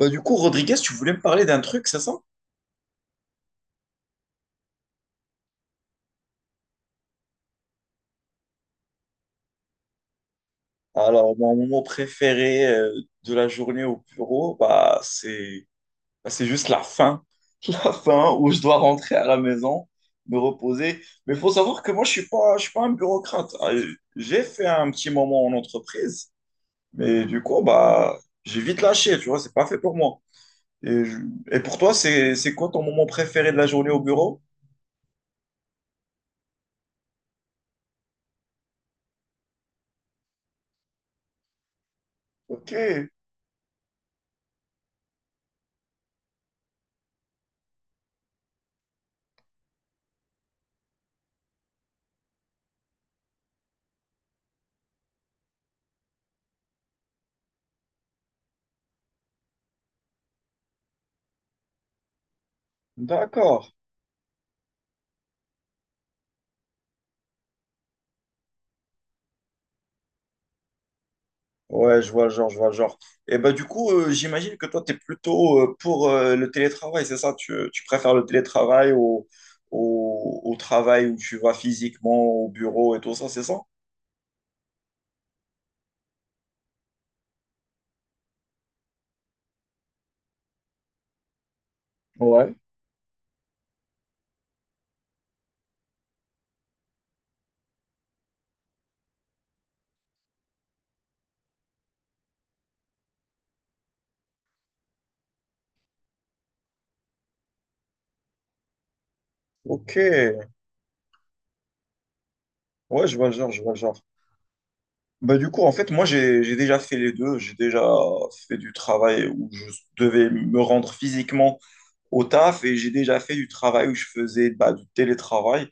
Bah, du coup, Rodriguez, tu voulais me parler d'un truc, c'est ça? Alors, mon moment préféré de la journée au bureau, bah, c'est c'est juste la fin. La fin où je dois rentrer à la maison, me reposer. Mais il faut savoir que moi, je suis pas un bureaucrate. J'ai fait un petit moment en entreprise, mais du coup, bah, j'ai vite lâché, tu vois, c'est pas fait pour moi. Et, je- et pour toi, c'est quoi ton moment préféré de la journée au bureau? Ok, d'accord. Ouais, je vois le genre, je vois le genre. Et bah du coup, j'imagine que toi, tu es plutôt pour le télétravail, c'est ça? Tu préfères le télétravail au travail où tu vas physiquement au bureau et tout ça, c'est ça? Ouais. Ok, ouais, je vois le genre, je vois le genre. Bah du coup, en fait, moi, j'ai déjà fait les deux. J'ai déjà fait du travail où je devais me rendre physiquement au taf et j'ai déjà fait du travail où je faisais bah, du télétravail.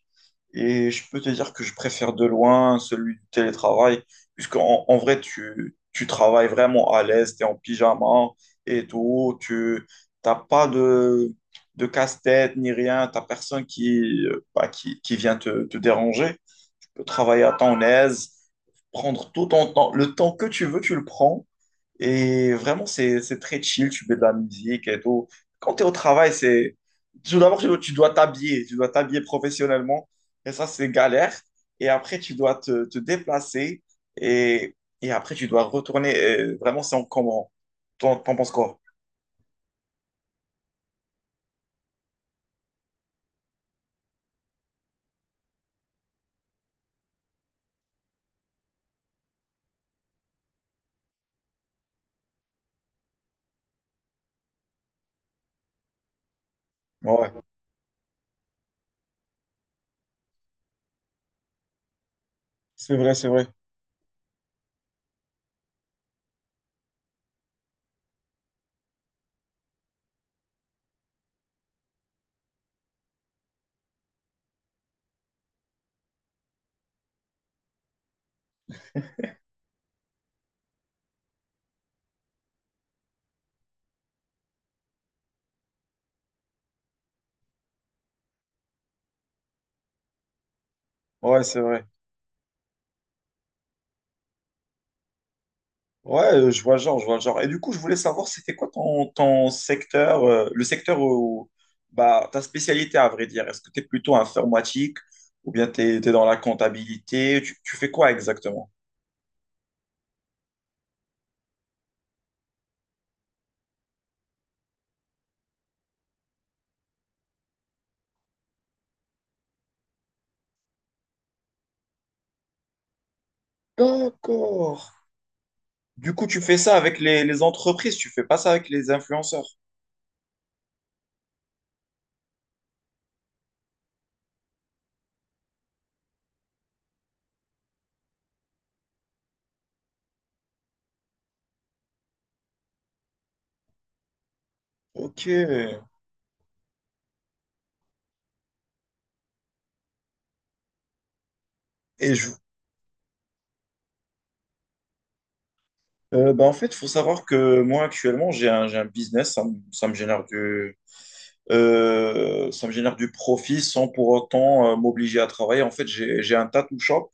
Et je peux te dire que je préfère de loin celui du télétravail, puisqu'en en vrai, tu travailles vraiment à l'aise, tu es en pyjama et tout, tu n'as pas de casse-tête ni rien, tu n'as personne qui, qui vient te déranger. Tu peux travailler à ton aise, prendre tout ton temps, le temps que tu veux, tu le prends. Et vraiment, c'est très chill, tu mets de la musique et tout. Quand tu es au travail, c'est... Tout d'abord, tu dois t'habiller professionnellement. Et ça, c'est galère. Et après, tu dois te déplacer. Et, et après, tu dois retourner. Et vraiment, c'est encombrant. T'en penses quoi? Ouais, c'est vrai. Ouais, c'est vrai. Ouais, je vois le genre, je vois le genre. Et du coup, je voulais savoir, c'était quoi ton, ton secteur, le secteur où, bah, ta spécialité à vrai dire. Est-ce que tu es plutôt informatique ou bien tu es, dans la comptabilité? Tu fais quoi exactement? D'accord. Du coup, tu fais ça avec les entreprises, tu fais pas ça avec les influenceurs. Ok. Je, en fait, il faut savoir que moi, actuellement, j'ai un business, ça me génère ça me génère du profit sans pour autant m'obliger à travailler. En fait, j'ai un tattoo shop.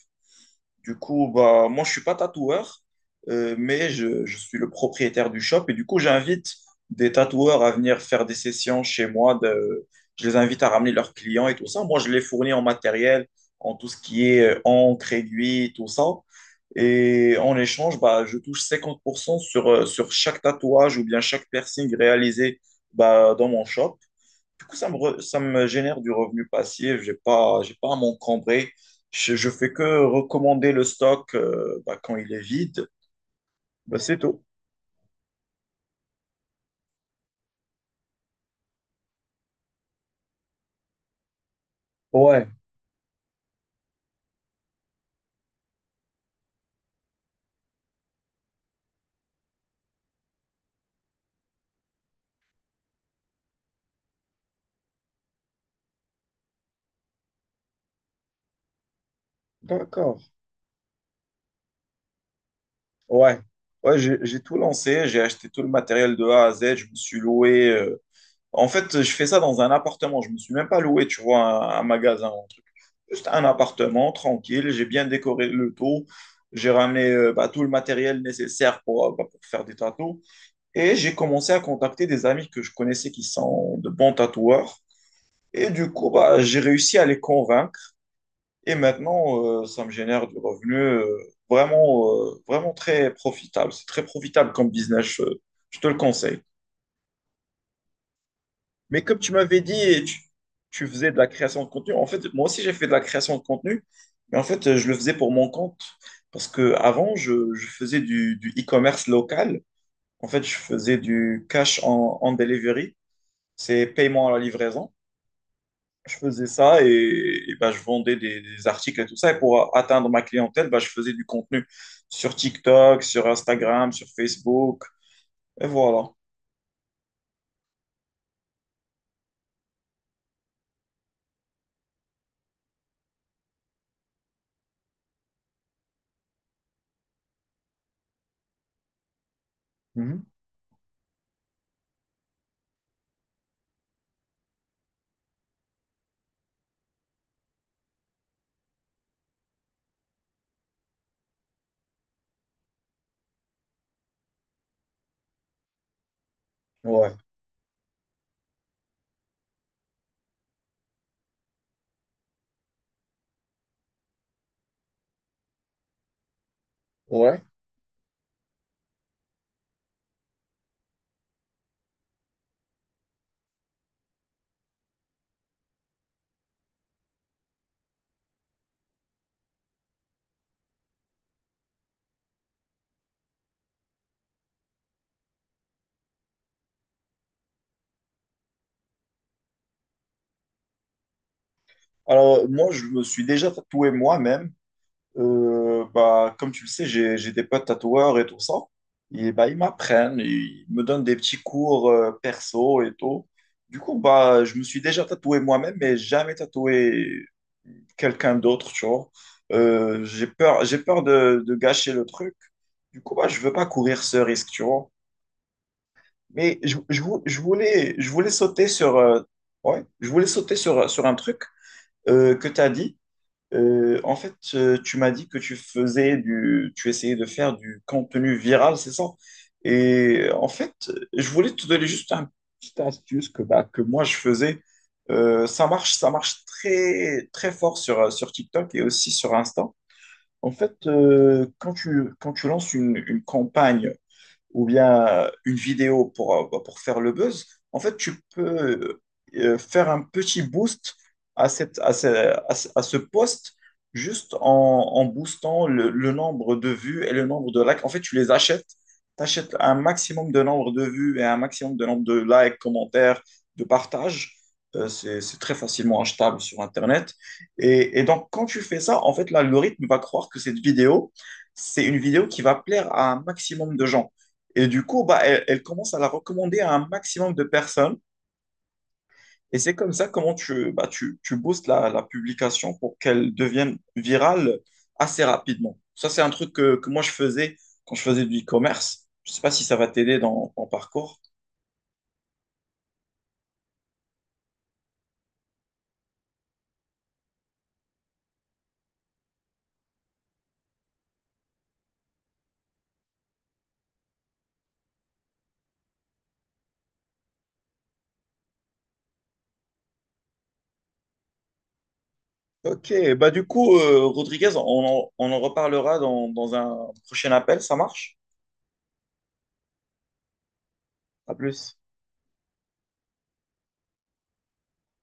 Du coup, bah, moi, je suis pas tatoueur, je suis le propriétaire du shop. Et du coup, j'invite des tatoueurs à venir faire des sessions chez moi. Je les invite à ramener leurs clients et tout ça. Moi, je les fournis en matériel, en tout ce qui est encre, aiguille, tout ça. Et en échange, bah, je touche 50% sur, sur chaque tatouage ou bien chaque piercing réalisé bah, dans mon shop. Du coup, ça me génère du revenu passif. J'ai pas à m'encombrer. Je fais que recommander le stock bah, quand il est vide. Bah, c'est tout. Ouais, d'accord. Ouais. Ouais, j'ai tout lancé. J'ai acheté tout le matériel de A à Z. Je me suis loué. En fait, je fais ça dans un appartement. Je me suis même pas loué, tu vois, un magasin ou un truc. Juste un appartement, tranquille. J'ai bien décoré le tout. J'ai ramené bah, tout le matériel nécessaire pour, bah, pour faire des tâteaux. Et j'ai commencé à contacter des amis que je connaissais qui sont de bons tatoueurs. Et du coup, bah, j'ai réussi à les convaincre. Et maintenant, ça me génère du revenu vraiment très profitable. C'est très profitable comme business, je te le conseille. Mais comme tu m'avais dit, tu faisais de la création de contenu. En fait, moi aussi, j'ai fait de la création de contenu. Mais en fait, je le faisais pour mon compte. Parce que avant, je faisais du e-commerce local. En fait, je faisais du cash en delivery. C'est paiement à la livraison. Je faisais ça et ben, je vendais des articles et tout ça. Et pour atteindre ma clientèle, ben, je faisais du contenu sur TikTok, sur Instagram, sur Facebook. Et voilà. Mhm. Ouais. Ouais. Alors, moi, je me suis déjà tatoué moi-même. Bah, comme tu le sais, j'ai des potes tatoueurs et tout ça. Et bah, ils m'apprennent, ils me donnent des petits cours perso et tout. Du coup, bah, je me suis déjà tatoué moi-même, mais jamais tatoué quelqu'un d'autre, tu vois. J'ai peur de gâcher le truc. Du coup, bah, je veux pas courir ce risque, tu vois. Mais je voulais sauter sur, ouais, je voulais sauter sur, sur un truc que tu as dit. En fait, tu m'as dit que tu faisais du, tu essayais de faire du contenu viral, c'est ça? Et euh, en fait, je voulais te donner juste un petite astuce que, bah, que moi je faisais. Ça marche très, très fort sur, sur TikTok et aussi sur Insta. En fait, quand tu lances une campagne ou bien une vidéo pour, bah, pour faire le buzz, en fait, tu peux faire un petit boost à, cette, à, ce, à ce- à ce poste juste en, en boostant le nombre de vues et le nombre de likes. En fait, tu les achètes, tu achètes un maximum de nombre de vues et un maximum de nombre de likes, commentaires, de partages. C'est très facilement achetable sur Internet. Et donc, quand tu fais ça, en fait, l'algorithme va croire que cette vidéo, c'est une vidéo qui va plaire à un maximum de gens. Et du coup, bah, elle commence à la recommander à un maximum de personnes. Et c'est comme ça comment tu boostes la publication pour qu'elle devienne virale assez rapidement. Ça, c'est un truc que moi, je faisais quand je faisais du e-commerce. Je ne sais pas si ça va t'aider dans ton parcours. Ok, bah du coup, Rodriguez, on en reparlera dans un prochain appel, ça marche? À plus.